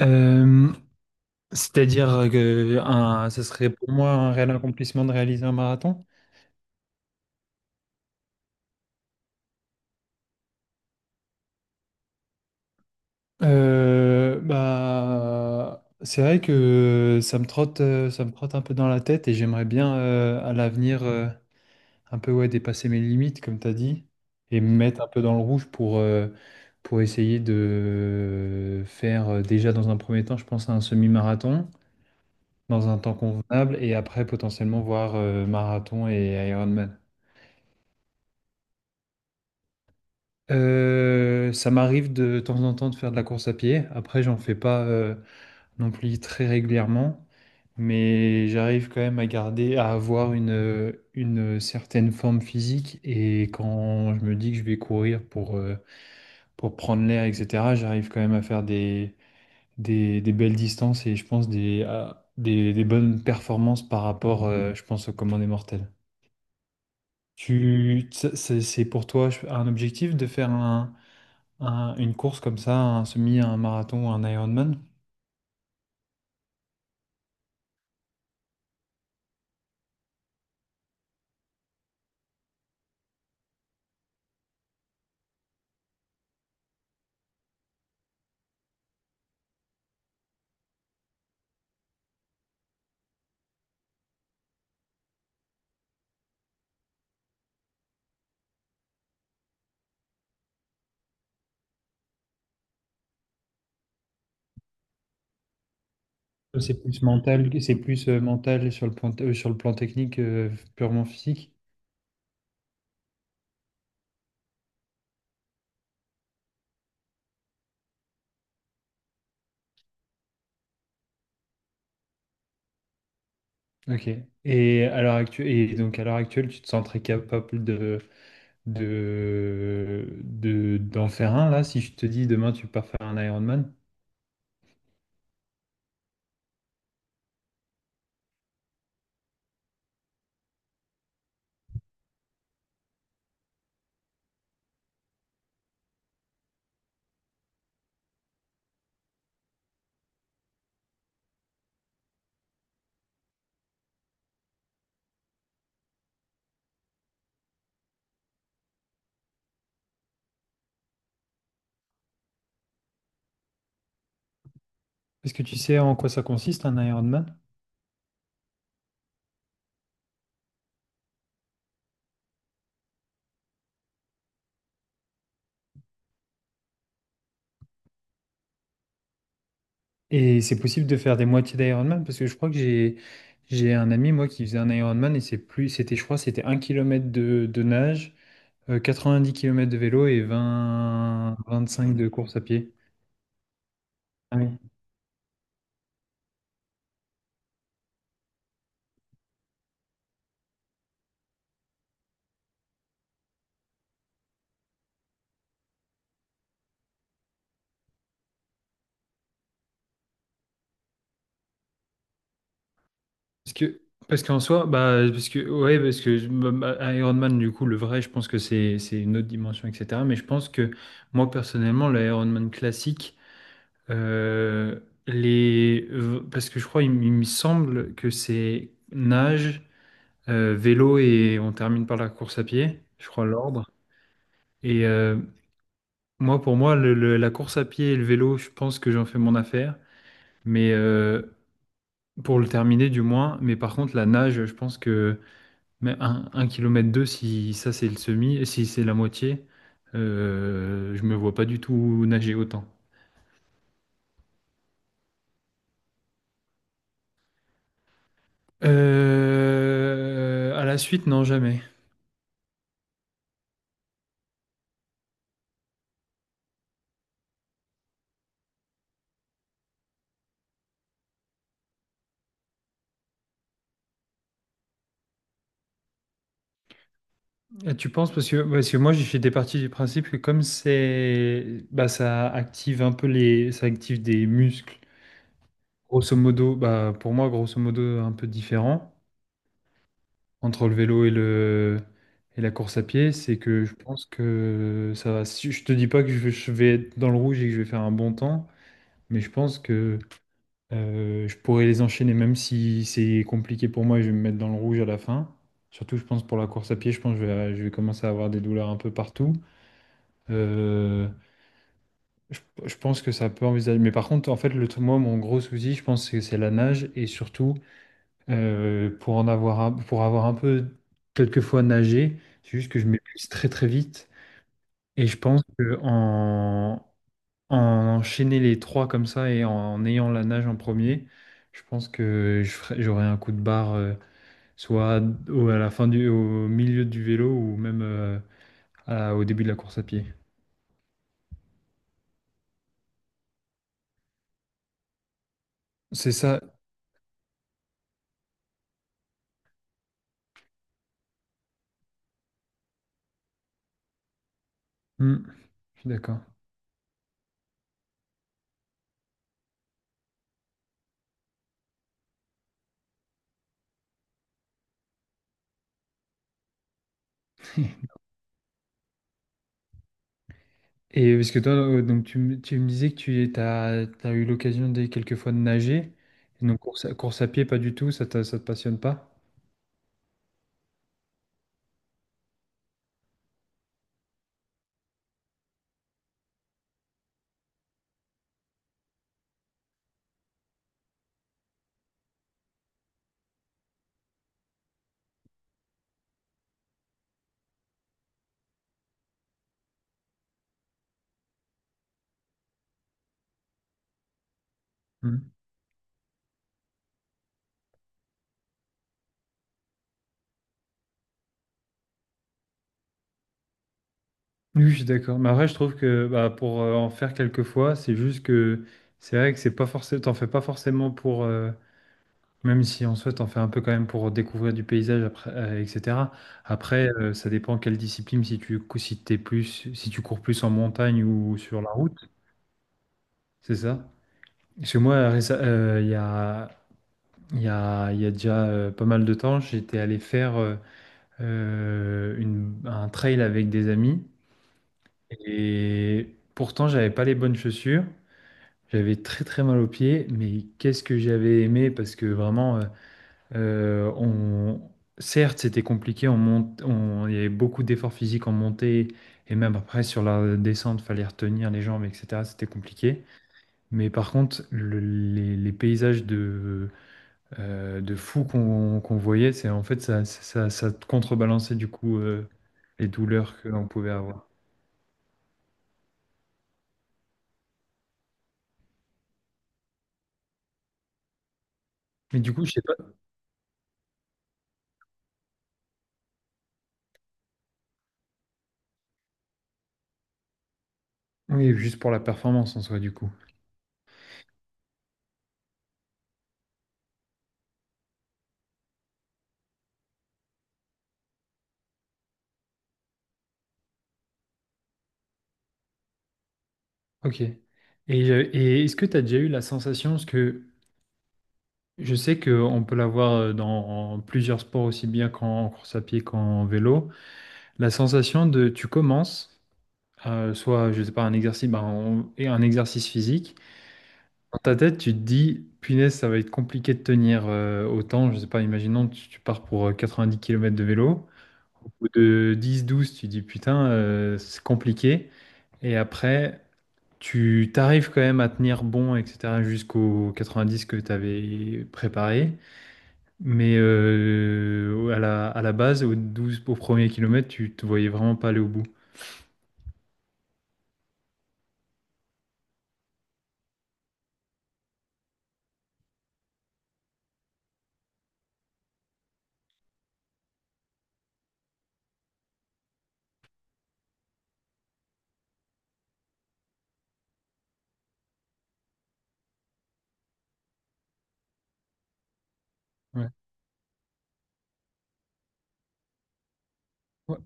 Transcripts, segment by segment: Euh, C'est-à-dire que un, ce serait pour moi un réel accomplissement de réaliser un marathon. Bah, c'est vrai que ça me trotte un peu dans la tête et j'aimerais bien à l'avenir un peu ouais, dépasser mes limites, comme tu as dit, et me mettre un peu dans le rouge pour essayer de faire déjà dans un premier temps, je pense, un semi-marathon dans un temps convenable et après potentiellement voir marathon et Ironman. Ça m'arrive de temps en temps de faire de la course à pied. Après, j'en fais pas non plus très régulièrement, mais j'arrive quand même à garder, à avoir une certaine forme physique. Et quand je me dis que je vais courir pour prendre l'air, etc., j'arrive quand même à faire des belles distances et je pense des bonnes performances par rapport, je pense, aux commandes des mortels. Tu, ça- c'est pour toi un objectif de faire une course comme ça, un semi, un marathon, un Ironman? C'est plus mental, c'est plus mental sur le plan technique, purement physique. Ok. Et donc à l'heure actuelle, tu te sens très capable d'en faire un là, si je te dis demain tu pars faire un Ironman. Est-ce que tu sais en quoi ça consiste un Ironman? Et c'est possible de faire des moitiés d'Ironman parce que je crois que j'ai un ami moi qui faisait un Ironman et c'est plus c'était je crois c'était 1 kilomètre de nage. Euh, 10 kilomètres de vélo et vingt-cinq de course à pied. Ah oui. Parce que, parce qu'en soi, bah, parce que, ouais, bah, Ironman, du coup, le vrai, je pense que c'est une autre dimension, etc. Mais je pense que moi, personnellement, l'Ironman classique, euh, parce que je crois, il me semble que c'est nage, vélo et on termine par la course à pied, je crois, l'ordre. Et moi, pour moi, la course à pied et le vélo, je pense que j'en fais mon affaire. Mais pour le terminer, du moins. Mais par contre, la nage, je pense que mais un kilomètre deux, si ça c'est le semi, et si c'est la moitié, je me vois pas du tout nager autant. À la suite, non, jamais. Et tu penses parce que moi j'étais parti du principe que comme c'est bah ça active un peu les ça active des muscles grosso modo bah pour moi grosso modo un peu différent entre le vélo et le et la course à pied, c'est que je pense que ça va. Si je te dis pas que je vais être dans le rouge et que je vais faire un bon temps, mais je pense que je pourrais les enchaîner même si c'est compliqué pour moi et je vais me mettre dans le rouge à la fin. Surtout, je pense pour la course à pied, je pense que je vais commencer à avoir des douleurs un peu partout. Euh, je pense que ça peut envisager. Mais par contre, en fait, moi, mon gros souci, je pense que c'est la nage et surtout. Pour avoir un peu quelquefois nagé, c'est juste que je m'épuise très très vite. Et je pense que en enchaîner les trois comme ça et en ayant la nage en premier, je pense que j'aurai un coup de barre soit à la fin du, au milieu du vélo ou même au début de la course à pied. C'est ça. Hmm, je suis d'accord. Et parce que toi, donc tu me disais que tu as eu l'occasion des quelques fois de nager. Et donc course à pied, pas du tout, ça te passionne pas? Mhm. Oui, je suis d'accord. Mais après, je trouve que bah, pour en faire quelques fois, c'est juste que c'est vrai que c'est pas forcément, t'en fais pas forcément même si en soi, t'en fais un peu quand même pour découvrir du paysage, après, etc. Après, ça dépend quelle discipline, si tu cours plus en montagne ou sur la route, c'est ça? Chez moi, il y a, il y a, il y a déjà pas mal de temps, j'étais allé faire un trail avec des amis. Et pourtant, j'avais pas les bonnes chaussures. J'avais très très mal aux pieds. Mais qu'est-ce que j'avais aimé parce que vraiment, euh, on... certes, c'était compliqué. Il y avait beaucoup d'efforts physiques en montée. Et même après, sur la descente, fallait retenir les jambes, etc. C'était compliqué. Mais par contre, les paysages de fou qu'on voyait. C'est en fait ça contrebalançait du coup les douleurs que l'on pouvait avoir. Mais du coup, je sais pas. Oui, juste pour la performance en soi, du coup. Ok. Et est-ce que tu as déjà eu la sensation, parce que je sais qu'on peut l'avoir dans en plusieurs sports aussi bien qu'en course à pied qu'en vélo, la sensation de tu commences, soit, je sais pas, un exercice, ben, et un exercice physique. Dans ta tête, tu te dis, punaise, ça va être compliqué de tenir autant. Je sais pas, imaginons, tu pars pour 90 kilomètres de vélo. Au bout de 10-12, tu te dis, putain, c'est compliqué. Et après, tu t'arrives quand même à tenir bon, etc., jusqu'aux 90 que tu avais préparé. Mais à la base, au 12, au premier kilomètre, tu te voyais vraiment pas aller au bout. Ouais. Ouais,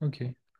ok.